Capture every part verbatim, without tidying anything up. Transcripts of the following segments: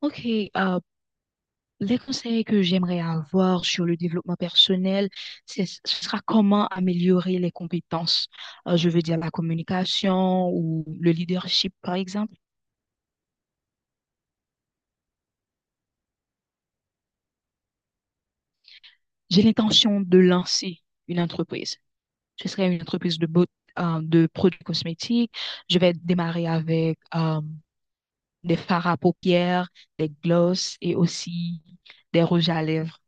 Ok, euh, les conseils que j'aimerais avoir sur le développement personnel, c'est, ce sera comment améliorer les compétences. Euh, je veux dire la communication ou le leadership, par exemple. J'ai l'intention de lancer une entreprise. Ce serait une entreprise de, beau- euh, de produits cosmétiques. Je vais démarrer avec euh, des fards à paupières, des glosses et aussi des rouges à lèvres.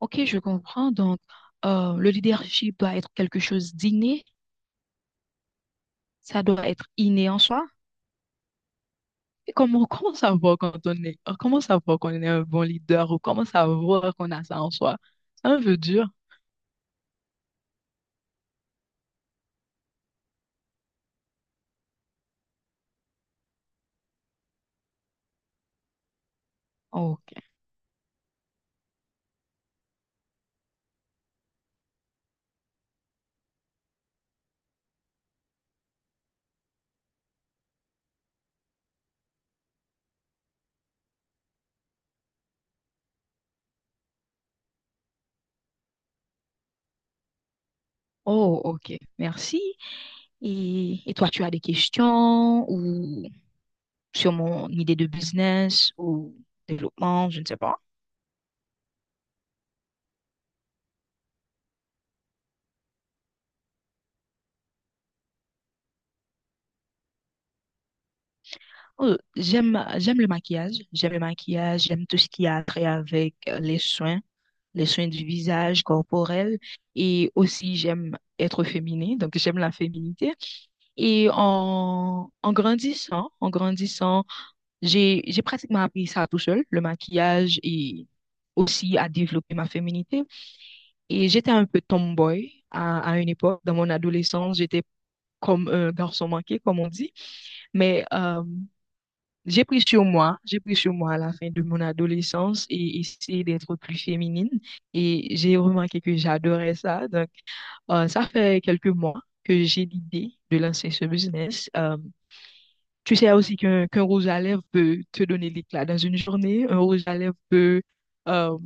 Ok, je comprends. Donc, euh, le leadership doit être quelque chose d'inné. Ça doit être inné en soi. Et comment, comment savoir quand on est, comment savoir qu'on est un bon leader ou comment savoir qu'on a ça en soi? C'est un peu dur. Oh, ok. Oh, ok. Merci. Et, et toi, tu as des questions ou sur mon idée de business ou développement, je ne sais pas. Euh, j'aime, j'aime le maquillage. J'aime le maquillage. J'aime tout ce qui a trait avec euh, les soins, les soins du visage corporel. Et aussi, j'aime être féminine. Donc, j'aime la féminité. Et en, en grandissant, en grandissant, j'ai, j'ai pratiquement appris ça tout seul, le maquillage et aussi à développer ma féminité. Et j'étais un peu tomboy à, à une époque. Dans mon adolescence, j'étais comme un garçon manqué, comme on dit. Mais euh, j'ai pris sur moi, j'ai pris sur moi à la fin de mon adolescence et essayé d'être plus féminine. Et j'ai remarqué que j'adorais ça. Donc, euh, ça fait quelques mois que j'ai l'idée de lancer ce business. Euh, Tu sais aussi qu'un qu'un rouge à lèvres peut te donner l'éclat dans une journée. Un rouge à lèvres peut euh,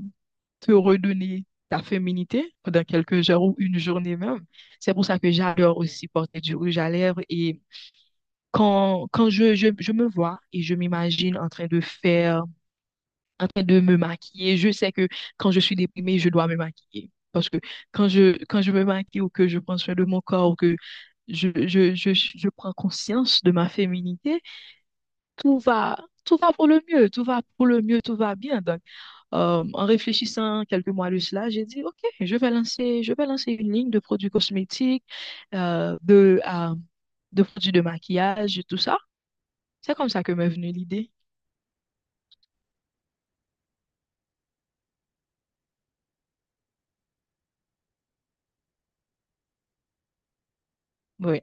te redonner ta féminité pendant quelques heures ou une journée même. C'est pour ça que j'adore aussi porter du rouge à lèvres. Et quand, quand je, je, je me vois et je m'imagine en train de faire, en train de me maquiller, je sais que quand je suis déprimée, je dois me maquiller. Parce que quand je, quand je me maquille ou que je prends soin de mon corps ou que je, je, je, je prends conscience de ma féminité, tout va, tout va pour le mieux, tout va pour le mieux, tout va bien. Donc, euh, en réfléchissant quelques mois de cela, j'ai dit, OK, je vais lancer, je vais lancer une ligne de produits cosmétiques, euh, de, euh, de produits de maquillage, et tout ça. C'est comme ça que m'est venue l'idée. Oui,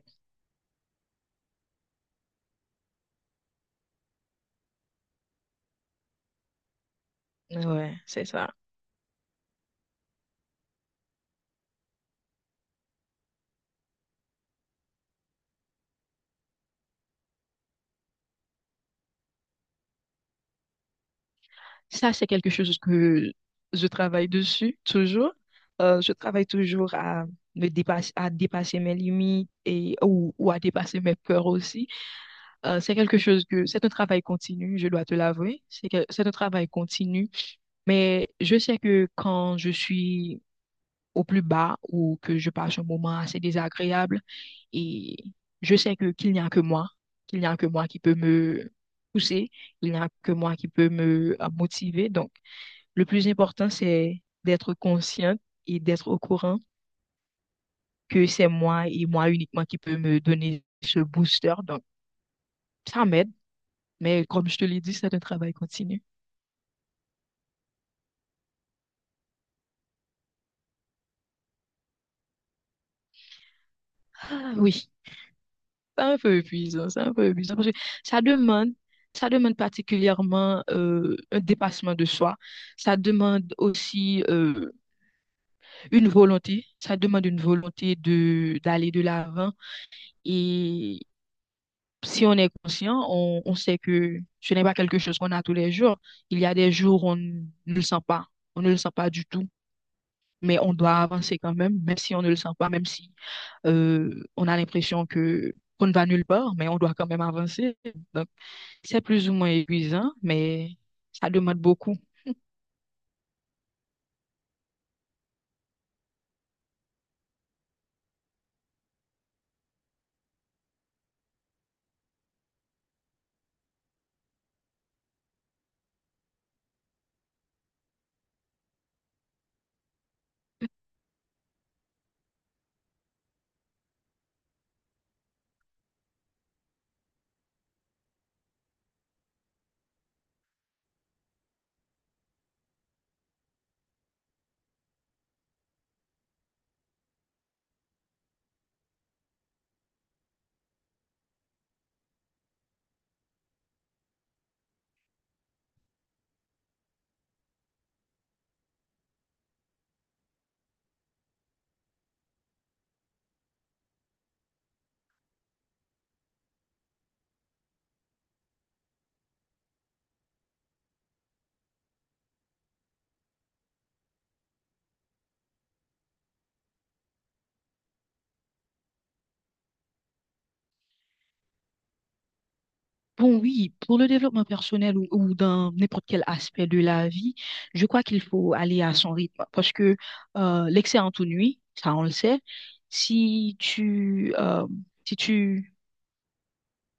ouais, c'est ça. Ça, c'est quelque chose que je travaille dessus toujours. Euh, je travaille toujours à me dépasser, à dépasser mes limites et, ou, ou à dépasser mes peurs aussi. Euh, c'est quelque chose que c'est un travail continu, je dois te l'avouer. C'est que c'est un travail continu, mais je sais que quand je suis au plus bas ou que je passe un moment assez désagréable, et je sais que qu'il n'y a que moi, qu'il n'y a que moi qui peut me pousser, il n'y a que moi qui peut me euh, motiver. Donc, le plus important, c'est d'être consciente et d'être au courant que c'est moi et moi uniquement qui peut me donner ce booster. Donc, ça m'aide, mais comme je te l'ai dit, c'est un travail continu. Oui, c'est un peu épuisant, c'est un peu épuisant parce que ça demande, ça demande particulièrement euh, un dépassement de soi, ça demande aussi euh, une volonté, ça demande une volonté de d'aller de l'avant et si on est conscient, on, on sait que ce n'est pas quelque chose qu'on a tous les jours. Il y a des jours où on ne le sent pas, on ne le sent pas du tout, mais on doit avancer quand même, même si on ne le sent pas, même si euh, on a l'impression que qu'on ne va nulle part, mais on doit quand même avancer. Donc, c'est plus ou moins épuisant, mais ça demande beaucoup. Bon, oui, pour le développement personnel ou, ou dans n'importe quel aspect de la vie, je crois qu'il faut aller à son rythme parce que euh, l'excès ennuie, ça on le sait. Si tu, euh, si tu,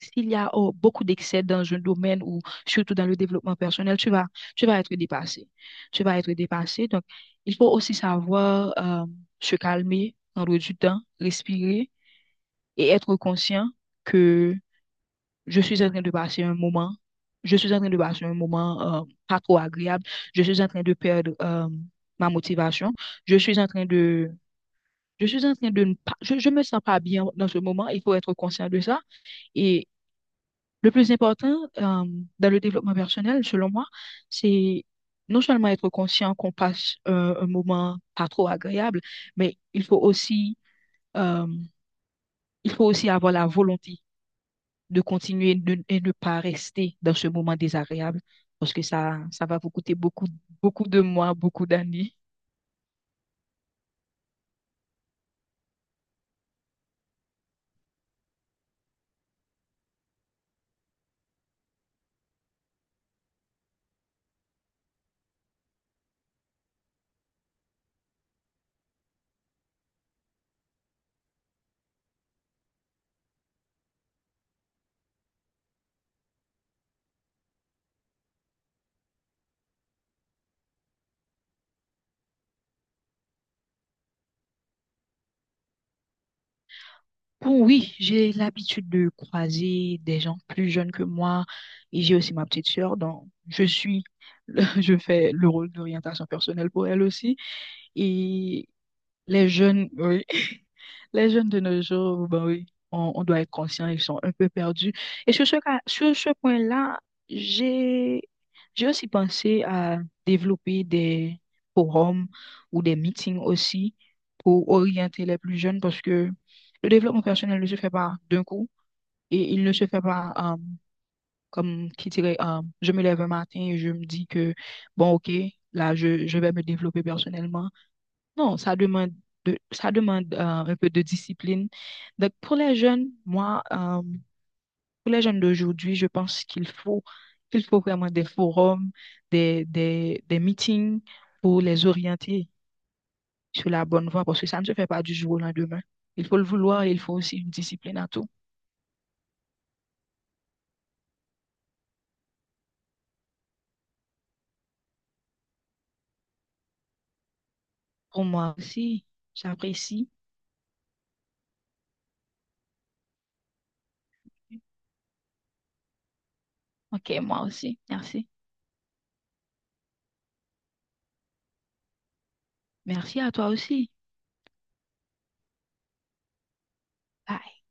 s'il y a oh, beaucoup d'excès dans un domaine ou surtout dans le développement personnel, tu vas, tu vas être dépassé. Tu vas être dépassé. Donc, il faut aussi savoir euh, se calmer, prendre du temps, respirer et être conscient que je suis en train de passer un moment, je suis en train de passer un moment euh, pas trop agréable, je suis en train de perdre euh, ma motivation, je suis en train de, je suis en train de ne pas, je, je me sens pas bien dans ce moment, il faut être conscient de ça. Et le plus important, euh, dans le développement personnel, selon moi, c'est non seulement être conscient qu'on passe euh, un moment pas trop agréable, mais il faut aussi, euh, il faut aussi avoir la volonté de continuer de- et ne pas rester dans ce moment désagréable parce que ça, ça va vous coûter beaucoup, beaucoup de mois, beaucoup d'années. Bon, oui, j'ai l'habitude de croiser des gens plus jeunes que moi et j'ai aussi ma petite sœur, donc je suis, je fais le rôle d'orientation personnelle pour elle aussi. Et les jeunes, oui, les jeunes de nos jours, ben oui, on, on doit être conscient, ils sont un peu perdus. Et sur ce cas, sur ce point-là, j'ai, j'ai aussi pensé à développer des forums ou des meetings aussi pour orienter les plus jeunes parce que le développement personnel ne se fait pas d'un coup et il ne se fait pas euh, comme qui dirait, euh, je me lève un matin et je me dis que, bon, ok, là, je, je vais me développer personnellement. Non, ça demande de, ça demande euh, un peu de discipline. Donc, pour les jeunes, moi, euh, pour les jeunes d'aujourd'hui, je pense qu'il faut, qu'il faut vraiment des forums, des, des, des meetings pour les orienter sur la bonne voie, parce que ça ne se fait pas du jour au lendemain. Il faut le vouloir et il faut aussi une discipline à tout. Pour moi aussi, j'apprécie. OK, moi aussi. Merci. Merci à toi aussi. Bye.